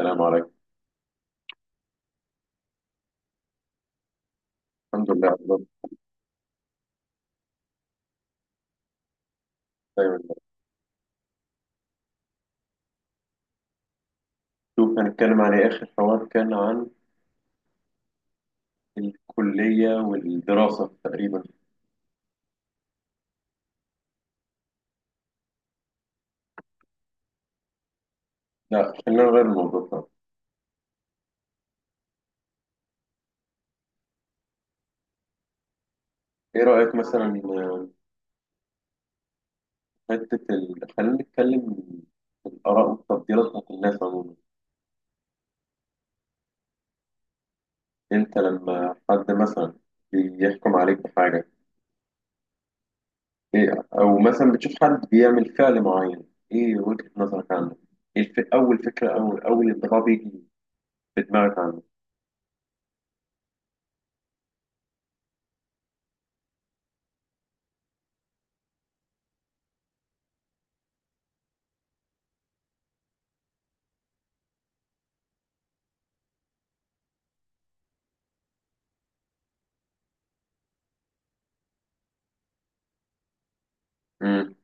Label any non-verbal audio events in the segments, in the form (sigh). السلام عليكم. الحمد لله على الوضع. دايما. شوف، هنتكلم عن إيه؟ آخر حوار كان عن الكلية والدراسة تقريبا. لا، خلينا نغير الموضوع طبعا. إيه رأيك مثلا؟ خلينا نتكلم في الآراء والتفضيلات بتاعت الناس عموما. أنت لما حد مثلا بيحكم عليك بحاجة، إيه، أو مثلا بتشوف حد بيعمل فعل معين، إيه وجهة نظرك عنه؟ أول فكرة أو أول انطباع بيجي في دماغك عنه؟ مم.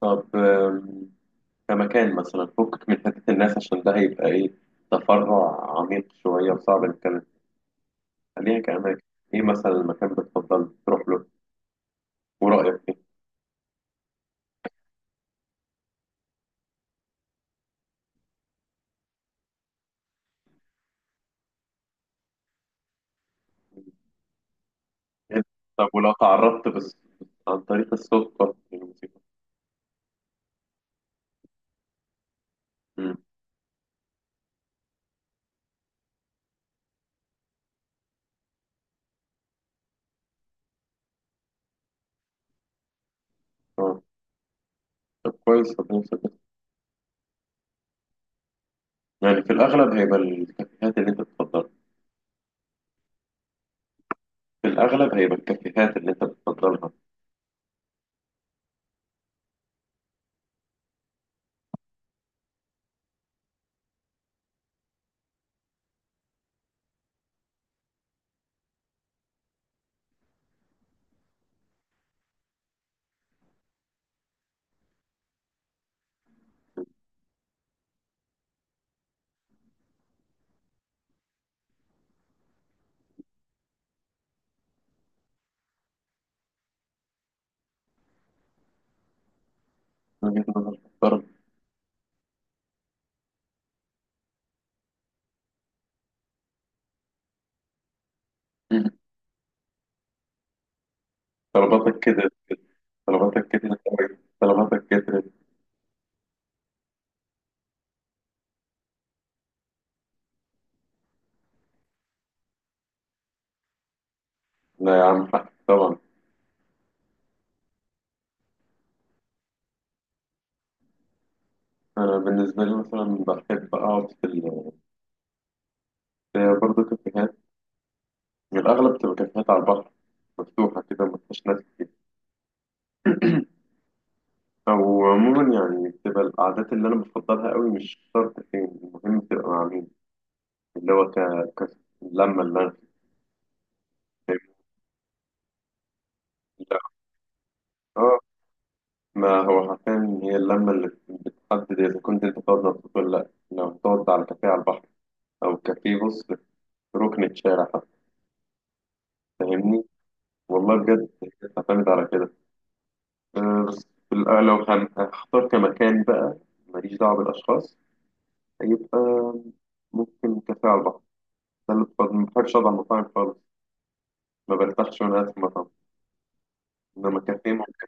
طب، كمكان مثلا فكك من حتة الناس، عشان ده هيبقى، إيه، تفرع عميق شوية وصعب نتكلم. خلينا كأماكن، إيه مثلا المكان بتفضل تروح له ورأيك فيه؟ طب، ولو تعرضت بس عن طريق الصدفة للموسيقى؟ مم. آه. طب كويس، ربنا يسلمك. يعني في الأغلب هيبقى الكافيهات اللي أنت بتفضلها. في الأغلب هيبقى الكافيهات اللي أنت بتفضلها. من وجهة نظر محترم. مم. طلباتك كده، طلباتك كترت أوي، طلباتك كترت. لا يا عم، حق طبعا. أنا بالنسبة لي مثلا بحب أقعد في ال هي برضه كافيهات، يعني الأغلب بتبقى كافيهات على البحر، مفتوحة كده مفيهاش ناس كتير. (clears throat) أو عموما يعني بتبقى القعدات اللي أنا بفضلها قوي، مش شرط فين، المهم تبقى مع مين، اللي هو ك... ك... اللمة اللي أنا. فاهم؟ لا. آه ما هو حرفيا هي اللمة اللي بتحدد إذا كنت أنت تقعد مبسوط ولا لأ. لو تقعد على كافيه على البحر، أو كافيه، بص، في ركن الشارع حتى، فاهمني؟ والله بجد، بتعتمد على كده. بس هختار كمكان بقى، ماليش دعوة بالأشخاص، هيبقى ممكن كافيه على البحر. ما بحبش أقعد على المطاعم خالص، ما برتاحش وأنا قاعد في المطعم. إنما كافيه ممكن،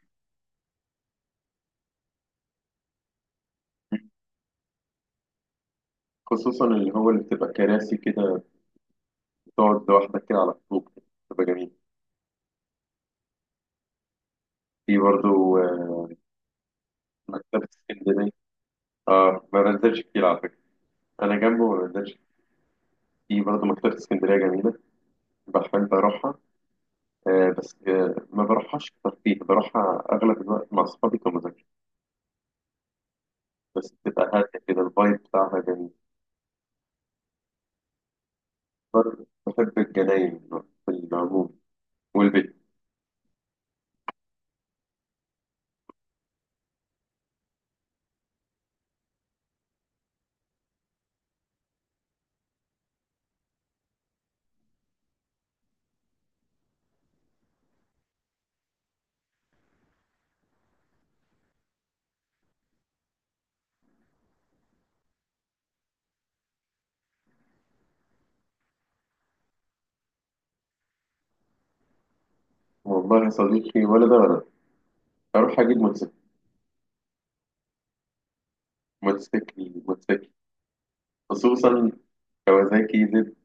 خصوصا اللي هو اللي بتبقى كراسي كده، بتقعد لوحدك كده على الطوب كده، بتبقى جميل. في برضه مكتبة اسكندرية. ما بنزلش كتير على فكرة، أنا جنبه ما بنزلش. في برضه مكتبة اسكندرية جميلة، بحب أروحها. بس ما بروحهاش كتير، فيه بروحها أغلب الوقت مع أصحابي كمذاكرة، بس بتبقى هادية كده الفايب بتاعها جميل. بحب الجناين في العموم، والبيت. والله يا صديقي، ولا ده ولا ده، أروح أجيب موتوسيكل. موتوسيكل، موتوسيكل. خصوصا كوازاكي زد،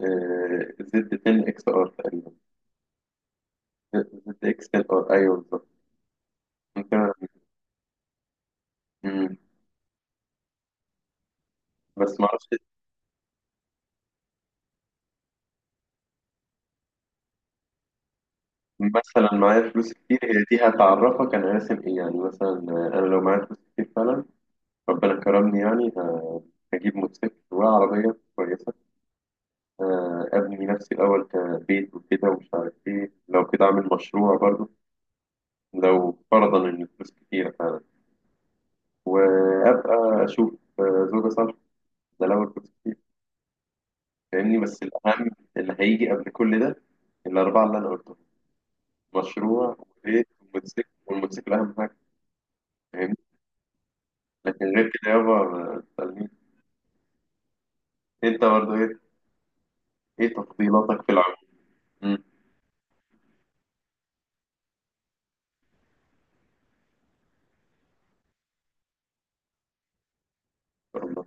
زد 10 اكس ار تقريبا، زد اكس 10 ار، أيوه بالظبط، ممكن. مم. بس معرفش. مثلا معايا فلوس كتير، هي دي هتعرفك أنا راسم إيه يعني. مثلا أنا لو معايا فلوس كتير فعلا، ربنا كرمني يعني، هجيب موتوسيكل وعربية كويسة. أبني نفسي الأول، كبيت وكده ومش عارف إيه، لو كده أعمل مشروع برضو لو فرضا إن الفلوس كتيرة فعلا، وأبقى أشوف زوجة صالحة. ده لو الفلوس كتير، فاهمني؟ بس الأهم اللي هيجي قبل كل ده، الأربعة اللي أنا قلتهم: مشروع وبيت وموتوسيكل، والموتوسيكل أهم حاجة، فاهمني؟ لكن غير كده يابا ما تسألنيش. أنت برضو، إيه تفضيلاتك في العمل؟ مم. إن شاء الله.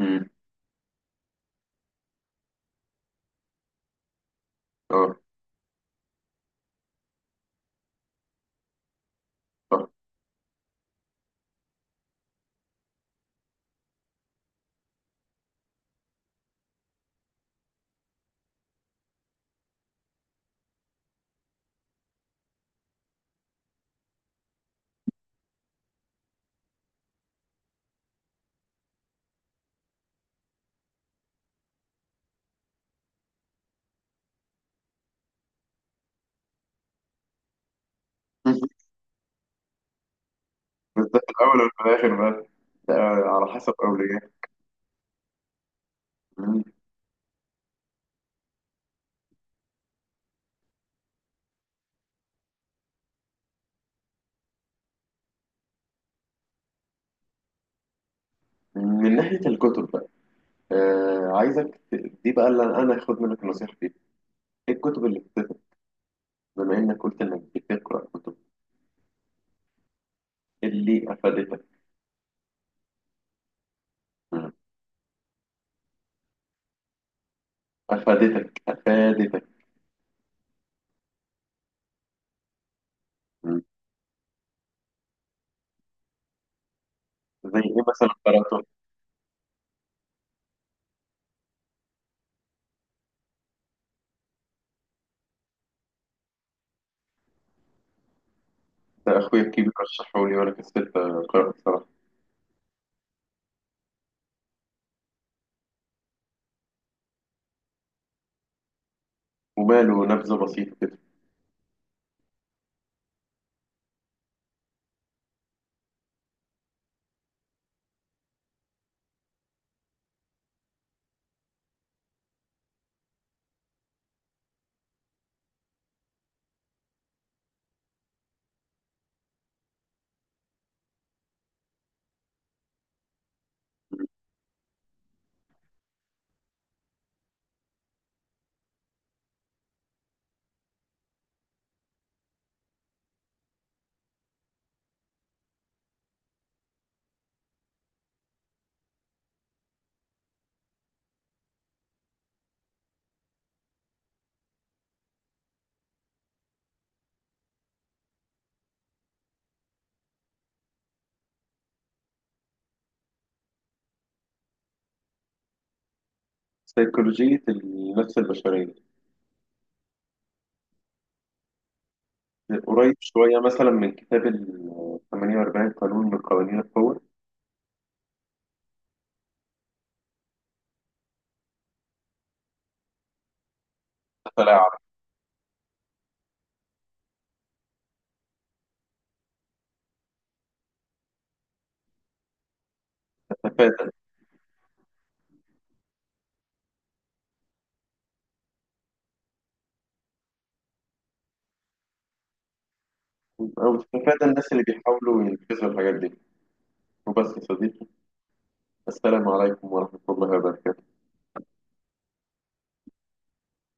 مم. أه، صح. (laughs) بس ده في الأول وفي الآخر بقى، ده على حسب أولوياتك. من من ناحية الكتب بقى، عايزك دي بقى اللي أنا أخد منك النصيحة فيها. إيه الكتب اللي افادتك، بما إنك قلت إنك بتقرأ كتب؟ إيه اللي أفادتك؟ مم. أفادتك، أفادتك. مم. زي إيه مثلا قرأته؟ ده أخويا الكبير رشحه لي وأنا كسلت أقرأه بصراحة. وماله؟ نبذة بسيطة كده. سيكولوجية النفس البشرية. قريب شوية مثلا من كتاب ال 48 قانون من قوانين القوة. تتلاعب. تتفادى. أو تتفادى الناس اللي بيحاولوا ينفذوا الحاجات دي. وبس يا صديقي، السلام عليكم ورحمة الله وبركاته.